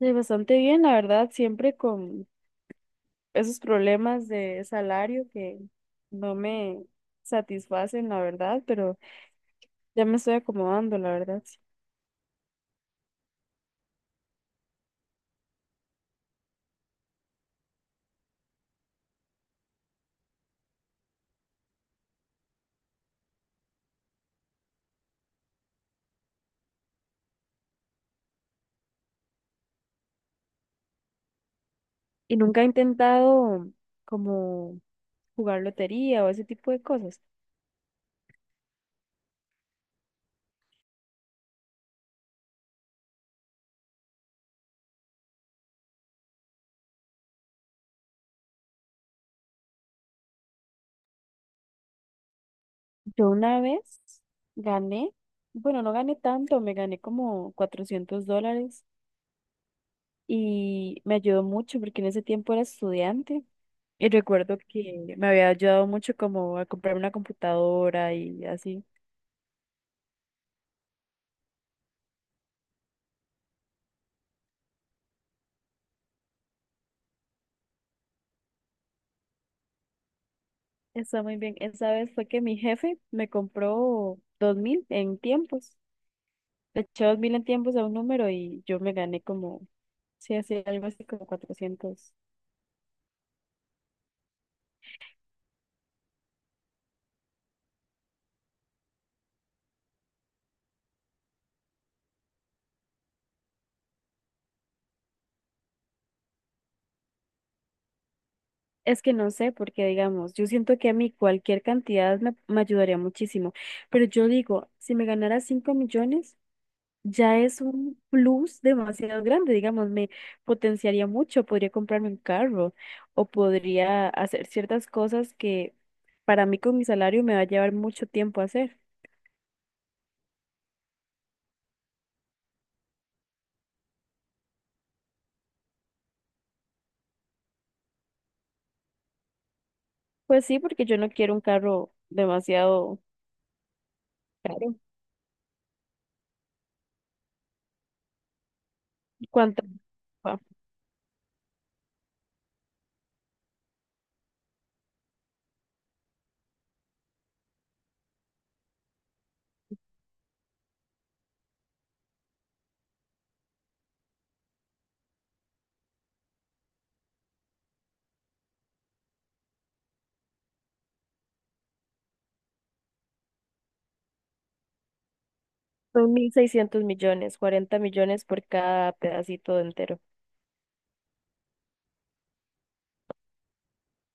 Sí, bastante bien, la verdad, siempre con esos problemas de salario que no me satisfacen, la verdad, pero ya me estoy acomodando, la verdad. Sí. Y nunca he intentado como jugar lotería o ese tipo de cosas. Yo una vez gané, bueno, no gané tanto, me gané como $400 y me ayudó mucho porque en ese tiempo era estudiante. Y recuerdo que me había ayudado mucho como a comprar una computadora y así. Está muy bien. Esa vez fue que mi jefe me compró 2000 en tiempos. Le eché 2000 en tiempos a un número y yo me gané como, sí, así, algo así como 400. Es que no sé, porque digamos, yo siento que a mí cualquier cantidad me ayudaría muchísimo. Pero yo digo, si me ganara 5 millones, ya es un plus demasiado grande. Digamos, me potenciaría mucho. Podría comprarme un carro o podría hacer ciertas cosas que para mí con mi salario me va a llevar mucho tiempo hacer. Pues sí, porque yo no quiero un carro demasiado caro. ¿Cuánto va? Son 1.600 millones, 40 millones por cada pedacito entero.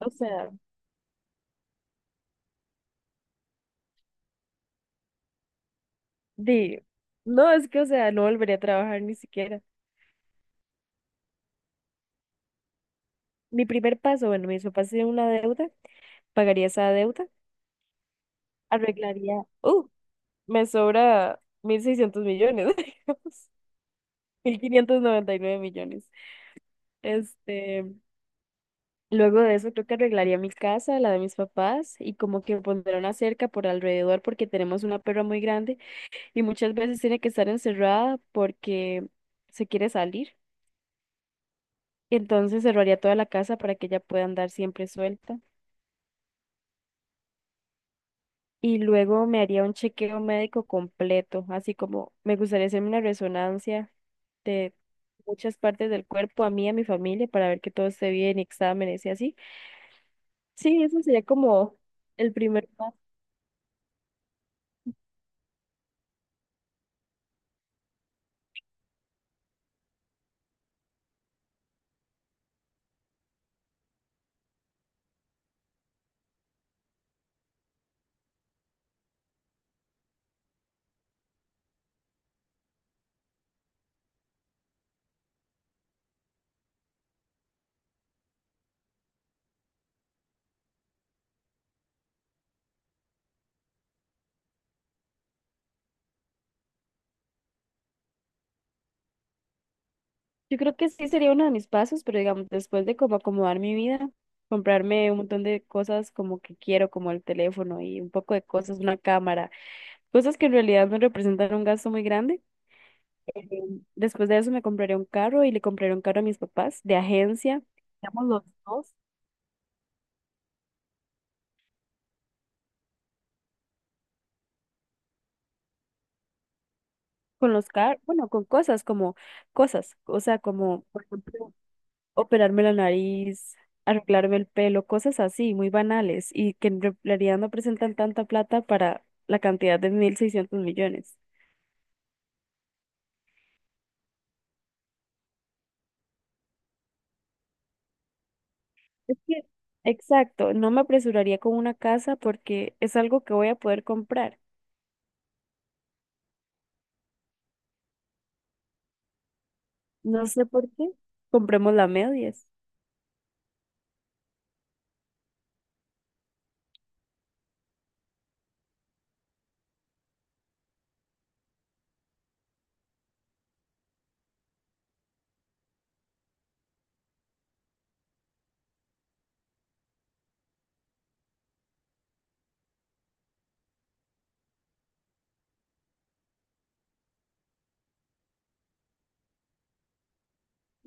O sea, di, no, es que, o sea, no volvería a trabajar ni siquiera. Mi primer paso, bueno, mis papás tienen una deuda, pagaría esa deuda, arreglaría, me sobra 1.600 millones, digamos, 1.599 millones. Este, Luego de eso creo que arreglaría mi casa, la de mis papás, y como que pondré una cerca por alrededor porque tenemos una perra muy grande y muchas veces tiene que estar encerrada porque se quiere salir. Entonces cerraría toda la casa para que ella pueda andar siempre suelta. Y luego me haría un chequeo médico completo, así como me gustaría hacerme una resonancia de muchas partes del cuerpo, a mí y a mi familia, para ver que todo esté bien, exámenes y así. Sí, eso sería como el primer paso. Yo creo que sí sería uno de mis pasos, pero digamos, después de como acomodar mi vida, comprarme un montón de cosas como que quiero, como el teléfono y un poco de cosas, una cámara, cosas que en realidad me representan un gasto muy grande. eh, Después de eso me compraré un carro y le compraré un carro a mis papás de agencia, digamos los dos, con los car, bueno, con cosas como cosas, o sea, como por ejemplo operarme la nariz, arreglarme el pelo, cosas así, muy banales, y que en realidad no presentan tanta plata para la cantidad de 1.600 millones. Es que, exacto, no me apresuraría con una casa porque es algo que voy a poder comprar. No sé por qué. Compremos la medias.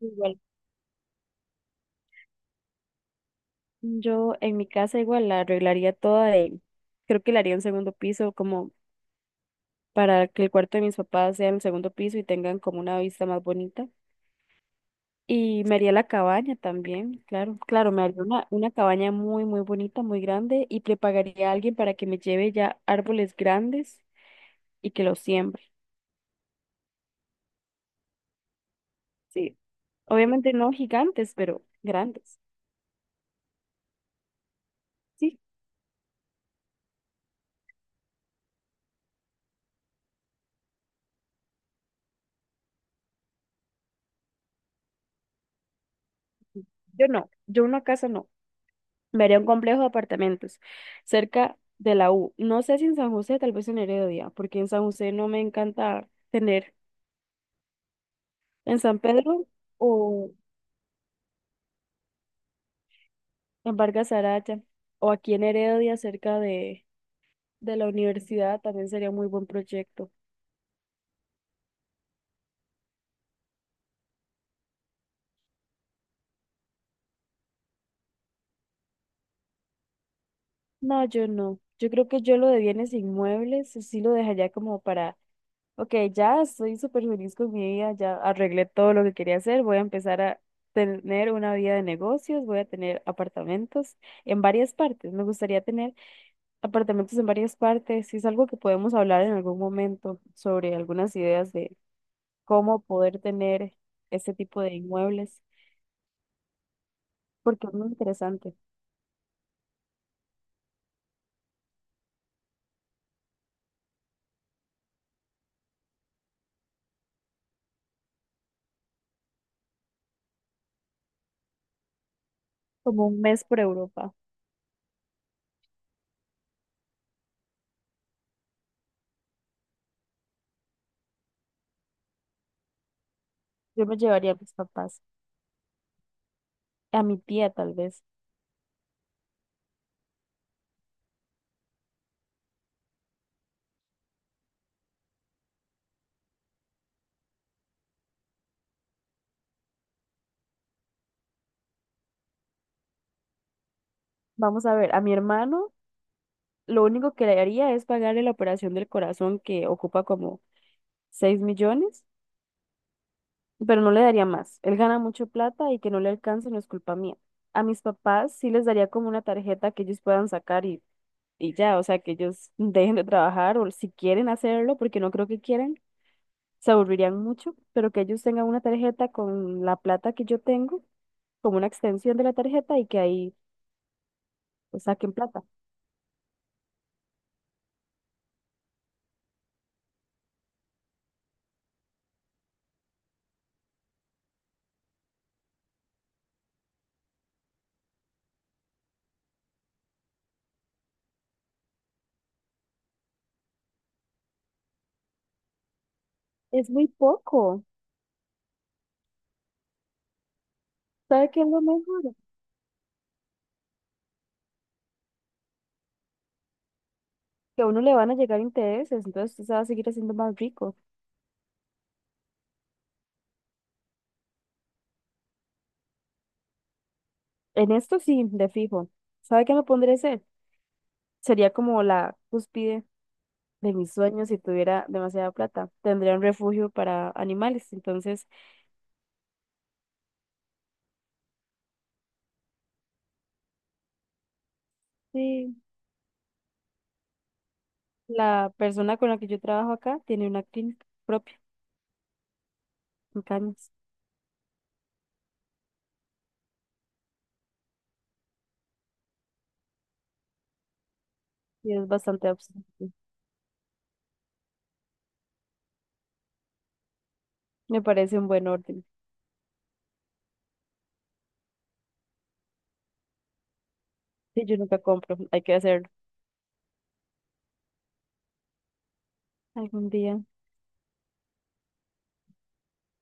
Igual. Yo en mi casa igual la arreglaría toda y creo que la haría un segundo piso como para que el cuarto de mis papás sea en el segundo piso y tengan como una vista más bonita. Y me haría la cabaña también, claro, claro, me haría una cabaña muy, muy bonita, muy grande y le pagaría a alguien para que me lleve ya árboles grandes y que los siembre. Sí, obviamente no gigantes, pero grandes. Sí, yo no, yo una casa no. Me haría un complejo de apartamentos cerca de la U. No sé si en San José, tal vez en Heredia, porque en San José no me encanta tener en San Pedro o en Vargas Araya o aquí en Heredia cerca de la universidad también sería muy buen proyecto. No, yo no. Yo creo que yo lo de bienes inmuebles sí lo dejaría como para, ok, ya estoy súper feliz con mi vida, ya arreglé todo lo que quería hacer, voy a empezar a tener una vida de negocios, voy a tener apartamentos en varias partes. Me gustaría tener apartamentos en varias partes. Y es algo que podemos hablar en algún momento sobre algunas ideas de cómo poder tener este tipo de inmuebles, porque es muy interesante, como un mes por Europa. Yo me llevaría a mis papás, a mi tía tal vez. Vamos a ver, a mi hermano, lo único que le haría es pagarle la operación del corazón que ocupa como 6 millones, pero no le daría más. Él gana mucho plata y que no le alcance no es culpa mía. A mis papás sí les daría como una tarjeta que ellos puedan sacar y ya, o sea, que ellos dejen de trabajar o si quieren hacerlo, porque no creo que quieran, se aburrirían mucho, pero que ellos tengan una tarjeta con la plata que yo tengo, como una extensión de la tarjeta y que ahí pues, saquen plata. Es muy poco. ¿Sabe qué es lo mejor? Que a uno le van a llegar intereses, entonces usted se va a seguir haciendo más rico. En esto sí, de fijo. ¿Sabe qué me pondré a hacer? Sería como la cúspide de mis sueños si tuviera demasiada plata. Tendría un refugio para animales. Entonces, sí, la persona con la que yo trabajo acá tiene una clínica propia en Cañas y es bastante absurdo. Me parece un buen orden. Sí, yo nunca compro, hay que hacerlo algún día.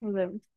Nos vemos.